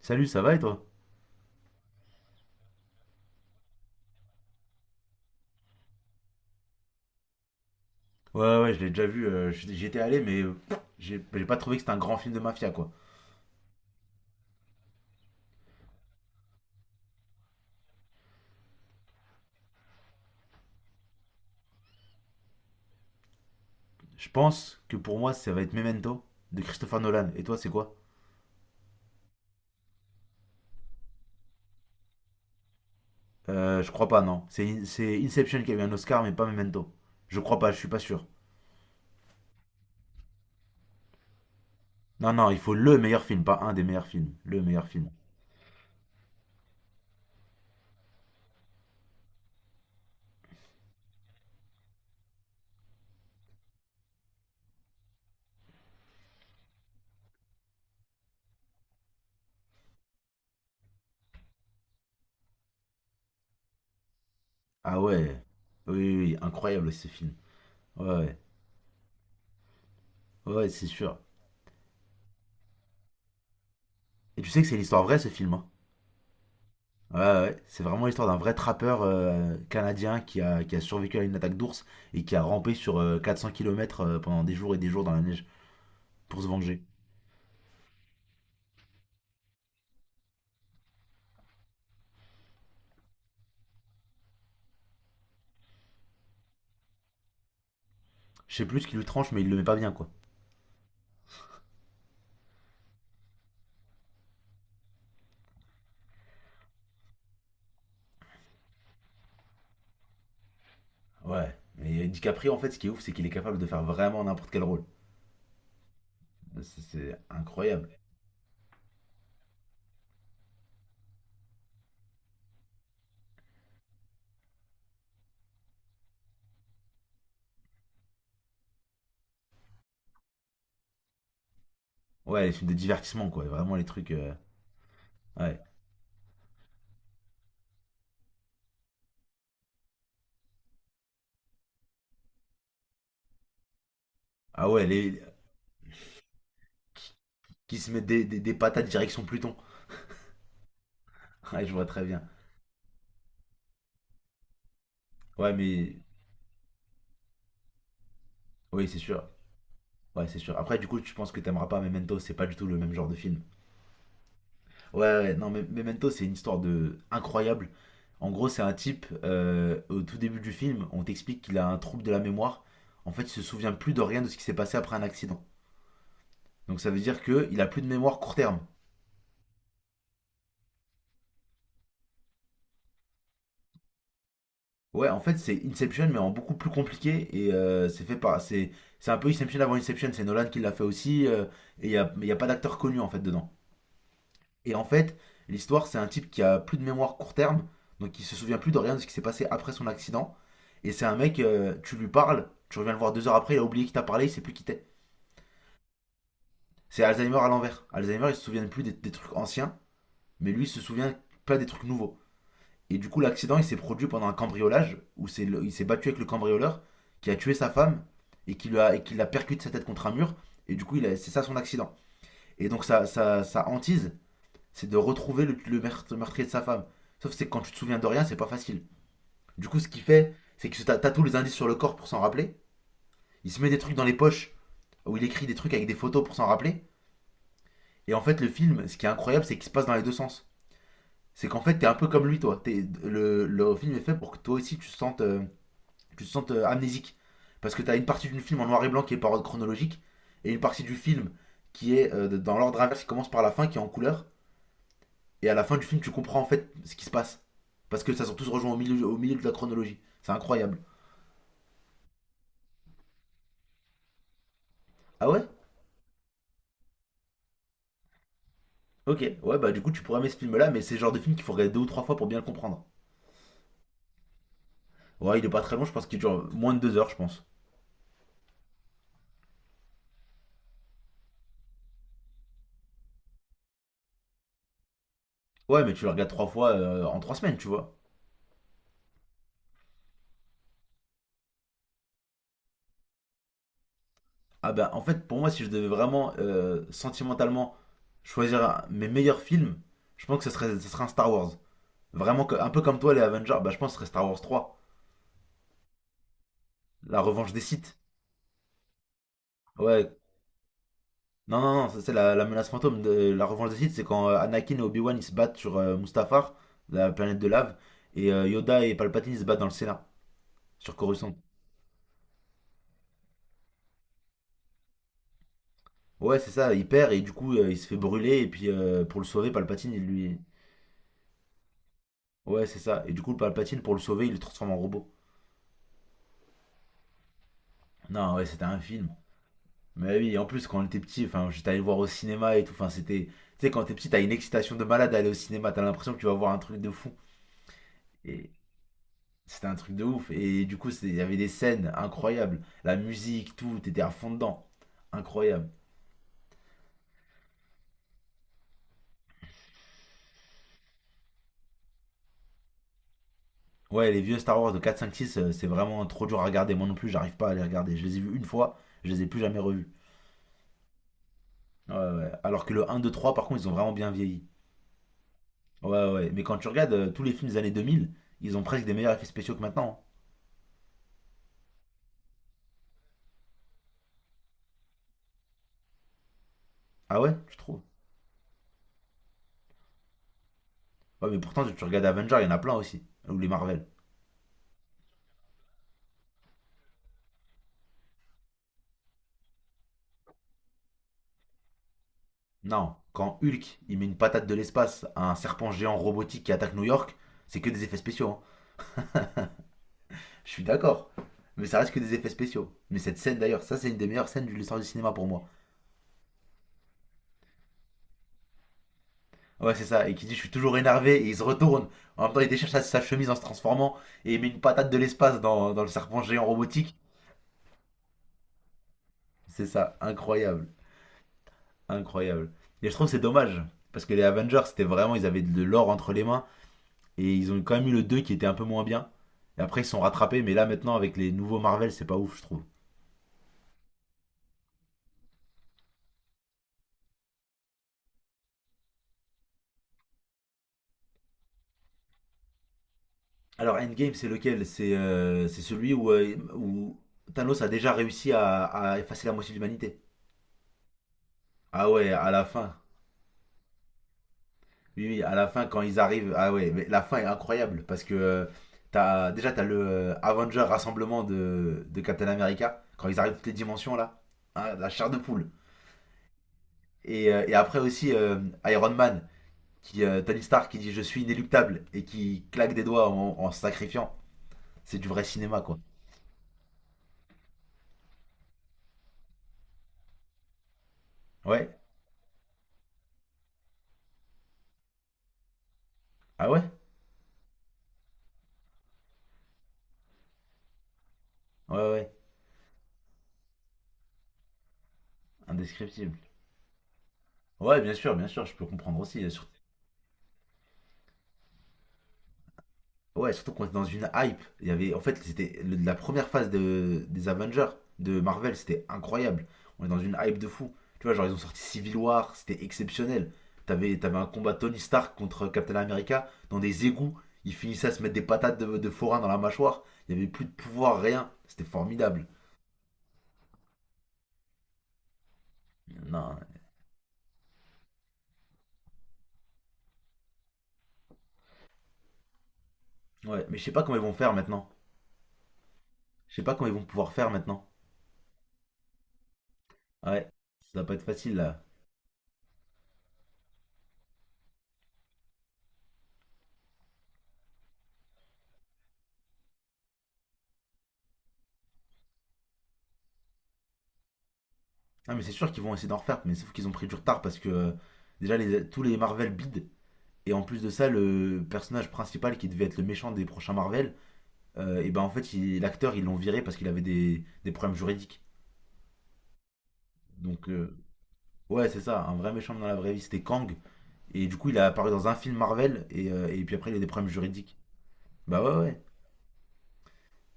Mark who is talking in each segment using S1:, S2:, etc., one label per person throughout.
S1: Salut, ça va et toi? Ouais, ouais, je l'ai déjà vu. J'y étais allé, mais j'ai pas trouvé que c'était un grand film de mafia, quoi. Je pense que pour moi, ça va être Memento de Christopher Nolan. Et toi, c'est quoi? Je crois pas, non. C'est Inception qui a eu un Oscar, mais pas Memento. Je crois pas, je suis pas sûr. Non, non, il faut le meilleur film, pas un des meilleurs films. Le meilleur film. Ah ouais. Oui, oui, oui, incroyable ce film. Ouais, ouais, ouais, c'est sûr. Et tu sais que c'est l'histoire vraie, ce film, hein. Ouais, ouais, ouais. C'est vraiment l'histoire d'un vrai trappeur canadien qui a survécu à une attaque d'ours et qui a rampé sur 400 km pendant des jours et des jours dans la neige pour se venger. Je sais plus ce qui lui tranche, mais il le met pas bien, quoi. Ouais, mais DiCaprio, en fait, ce qui est ouf, c'est qu'il est capable de faire vraiment n'importe quel rôle. C'est incroyable. Ouais, les films de divertissement, quoi. Vraiment les trucs. Ouais. Ah ouais, les... qui, qui se mettent des patates direction Pluton. Ouais, je vois très bien. Ouais, mais. Oui, c'est sûr. Ouais, c'est sûr. Après, du coup, tu penses que t'aimeras pas Memento, c'est pas du tout le même genre de film. Ouais, ouais, non, mais Memento, c'est une histoire de incroyable. En gros, c'est un type, au tout début du film, on t'explique qu'il a un trouble de la mémoire. En fait, il se souvient plus de rien de ce qui s'est passé après un accident. Donc ça veut dire qu'il a plus de mémoire court terme. Ouais, en fait, c'est Inception, mais en beaucoup plus compliqué. Et c'est fait par. C'est un peu Inception avant Inception, c'est Nolan qui l'a fait aussi. Et il n'y a, mais y a pas d'acteur connu, en fait, dedans. Et en fait, l'histoire, c'est un type qui a plus de mémoire court terme. Donc il se souvient plus de rien de ce qui s'est passé après son accident. Et c'est un mec, tu lui parles, tu reviens le voir deux heures après, il a oublié qui t'a parlé, il sait plus qui t'es. C'est Alzheimer à l'envers. Alzheimer, il se souvient plus des trucs anciens, mais lui, il se souvient pas des trucs nouveaux. Et du coup, l'accident, il s'est produit pendant un cambriolage, il s'est battu avec le cambrioleur, qui a tué sa femme, et qui l'a percuté sa tête contre un mur, et du coup, c'est ça son accident. Et donc, sa, sa, sa hantise, c'est de retrouver le meurtrier de sa femme. Sauf que quand tu te souviens de rien, c'est pas facile. Du coup, ce qu'il fait, c'est qu'il se tatoue les indices sur le corps pour s'en rappeler. Il se met des trucs dans les poches où il écrit des trucs avec des photos pour s'en rappeler. Et en fait, le film, ce qui est incroyable, c'est qu'il se passe dans les deux sens. C'est qu'en fait, t'es un peu comme lui, toi. Le film est fait pour que toi aussi, tu te sentes amnésique. Parce que t'as une partie du film en noir et blanc qui est par ordre chronologique, et une partie du film qui est dans l'ordre inverse, qui commence par la fin, qui est en couleur. Et à la fin du film, tu comprends en fait ce qui se passe. Parce que ça sont tous rejoints au milieu de la chronologie. C'est incroyable. Ah ouais. Ok, ouais, bah du coup, tu pourrais aimer ce film-là, mais c'est le genre de film qu'il faut regarder deux ou trois fois pour bien le comprendre. Ouais, il est pas très long, je pense qu'il dure moins de deux heures, je pense. Ouais, mais tu le regardes trois fois en trois semaines, tu vois. Ah bah en fait, pour moi, si je devais vraiment sentimentalement choisir mes meilleurs films, je pense que ce serait un Star Wars. Vraiment, un peu comme toi, les Avengers, bah je pense que ce serait Star Wars 3, La Revanche des Sith. Ouais, non, non, non, ça, c'est la, la menace fantôme. De, la Revanche des Sith, c'est quand Anakin et Obi-Wan ils se battent sur Mustafar, la planète de lave, et Yoda et Palpatine ils se battent dans le Sénat, sur Coruscant. Ouais, c'est ça, il perd et du coup il se fait brûler et puis pour le sauver, Palpatine il lui, Ouais, c'est ça. Et du coup, Palpatine, pour le sauver, il le transforme en robot. Non, ouais, c'était un film. Mais oui, en plus, quand on était petit, enfin, j'étais allé le voir au cinéma et tout. Enfin, c'était. Tu sais, quand t'es petit, t'as une excitation de malade à aller au cinéma. T'as l'impression que tu vas voir un truc de fou. Et c'était un truc de ouf. Et du coup, il y avait des scènes incroyables. La musique, tout. T'étais à fond dedans. Incroyable. Ouais, les vieux Star Wars de quatre cinq six c'est vraiment trop dur à regarder. Moi non plus, j'arrive pas à les regarder. Je les ai vus une fois, je les ai plus jamais revus. Ouais, ouais. Alors que le un 2 3 par contre, ils ont vraiment bien vieilli. Ouais, ouais, ouais. Mais quand tu regardes tous les films des années 2000, ils ont presque des meilleurs effets spéciaux que maintenant, hein. Ah ouais, tu trouves? Ouais, mais pourtant, tu regardes Avengers, il y en a plein aussi. Ou les Marvel. Non, quand Hulk, il met une patate de l'espace à un serpent géant robotique qui attaque New York, c'est que des effets spéciaux, hein. Je suis d'accord, mais ça reste que des effets spéciaux. Mais cette scène d'ailleurs, ça, c'est une des meilleures scènes de l'histoire du cinéma pour moi. Ouais, c'est ça, et qui dit je suis toujours énervé, et il se retourne. En même temps, il déchire sa, sa chemise en se transformant, et il met une patate de l'espace dans, dans le serpent géant robotique. C'est ça, incroyable. Incroyable. Et je trouve que c'est dommage. Parce que les Avengers, c'était vraiment, ils avaient de l'or entre les mains. Et ils ont quand même eu le 2 qui était un peu moins bien. Et après, ils se sont rattrapés. Mais là, maintenant, avec les nouveaux Marvel, c'est pas ouf, je trouve. Alors, Endgame, c'est lequel? C'est celui où, où Thanos a déjà réussi à effacer la moitié de l'humanité. Ah ouais, à la fin. Oui, oui, à la fin, quand ils arrivent. Ah ouais, mais la fin est incroyable. Parce que t'as, déjà, t'as le Avenger rassemblement de Captain America. Quand ils arrivent toutes les dimensions, là. Hein, la chair de poule. Et après aussi Iron Man, qui, Tony Stark qui dit je suis inéluctable et qui claque des doigts en, en se sacrifiant. C'est du vrai cinéma, quoi. Ouais. Ah ouais? Ouais, ouais. Indescriptible. Ouais, bien sûr, je peux comprendre aussi. Ouais, surtout qu'on était dans une hype. Il y avait, en fait, la première phase de, des Avengers de Marvel, c'était incroyable. On est dans une hype de fou. Tu vois, genre ils ont sorti Civil War, c'était exceptionnel. T'avais, t'avais un combat Tony Stark contre Captain America dans des égouts. Ils finissaient à se mettre des patates de forain dans la mâchoire. Il y avait plus de pouvoir, rien. C'était formidable. Non, ouais, mais je sais pas comment ils vont faire maintenant. Je sais pas comment ils vont pouvoir faire maintenant. Ouais, ça va pas être facile là. Ah, mais c'est sûr qu'ils vont essayer d'en refaire, mais sauf qu'ils ont pris du retard parce que déjà les, tous les Marvel bides. Et en plus de ça, le personnage principal qui devait être le méchant des prochains Marvel, et ben en fait, l'acteur, ils l'ont viré parce qu'il avait des problèmes juridiques. Donc, ouais, c'est ça, un vrai méchant dans la vraie vie, c'était Kang. Et du coup, il a apparu dans un film Marvel, et puis après, il a des problèmes juridiques. Bah ouais, ouais.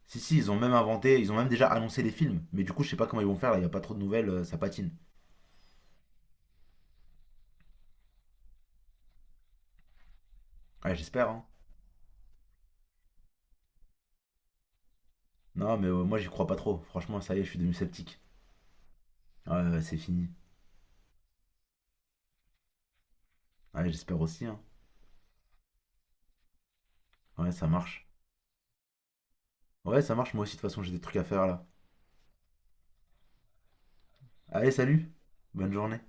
S1: Si, si, ils ont même inventé, ils ont même déjà annoncé les films. Mais du coup, je sais pas comment ils vont faire, là, il n'y a pas trop de nouvelles, ça patine. Ouais, j'espère, hein. Non, mais moi, j'y crois pas trop. Franchement, ça y est, je suis devenu sceptique. Ouais, ouais, c'est fini. Ouais, j'espère aussi, hein. Ouais, ça marche. Ouais, ça marche, moi aussi, de toute façon, j'ai des trucs à faire, là. Allez, salut. Bonne journée.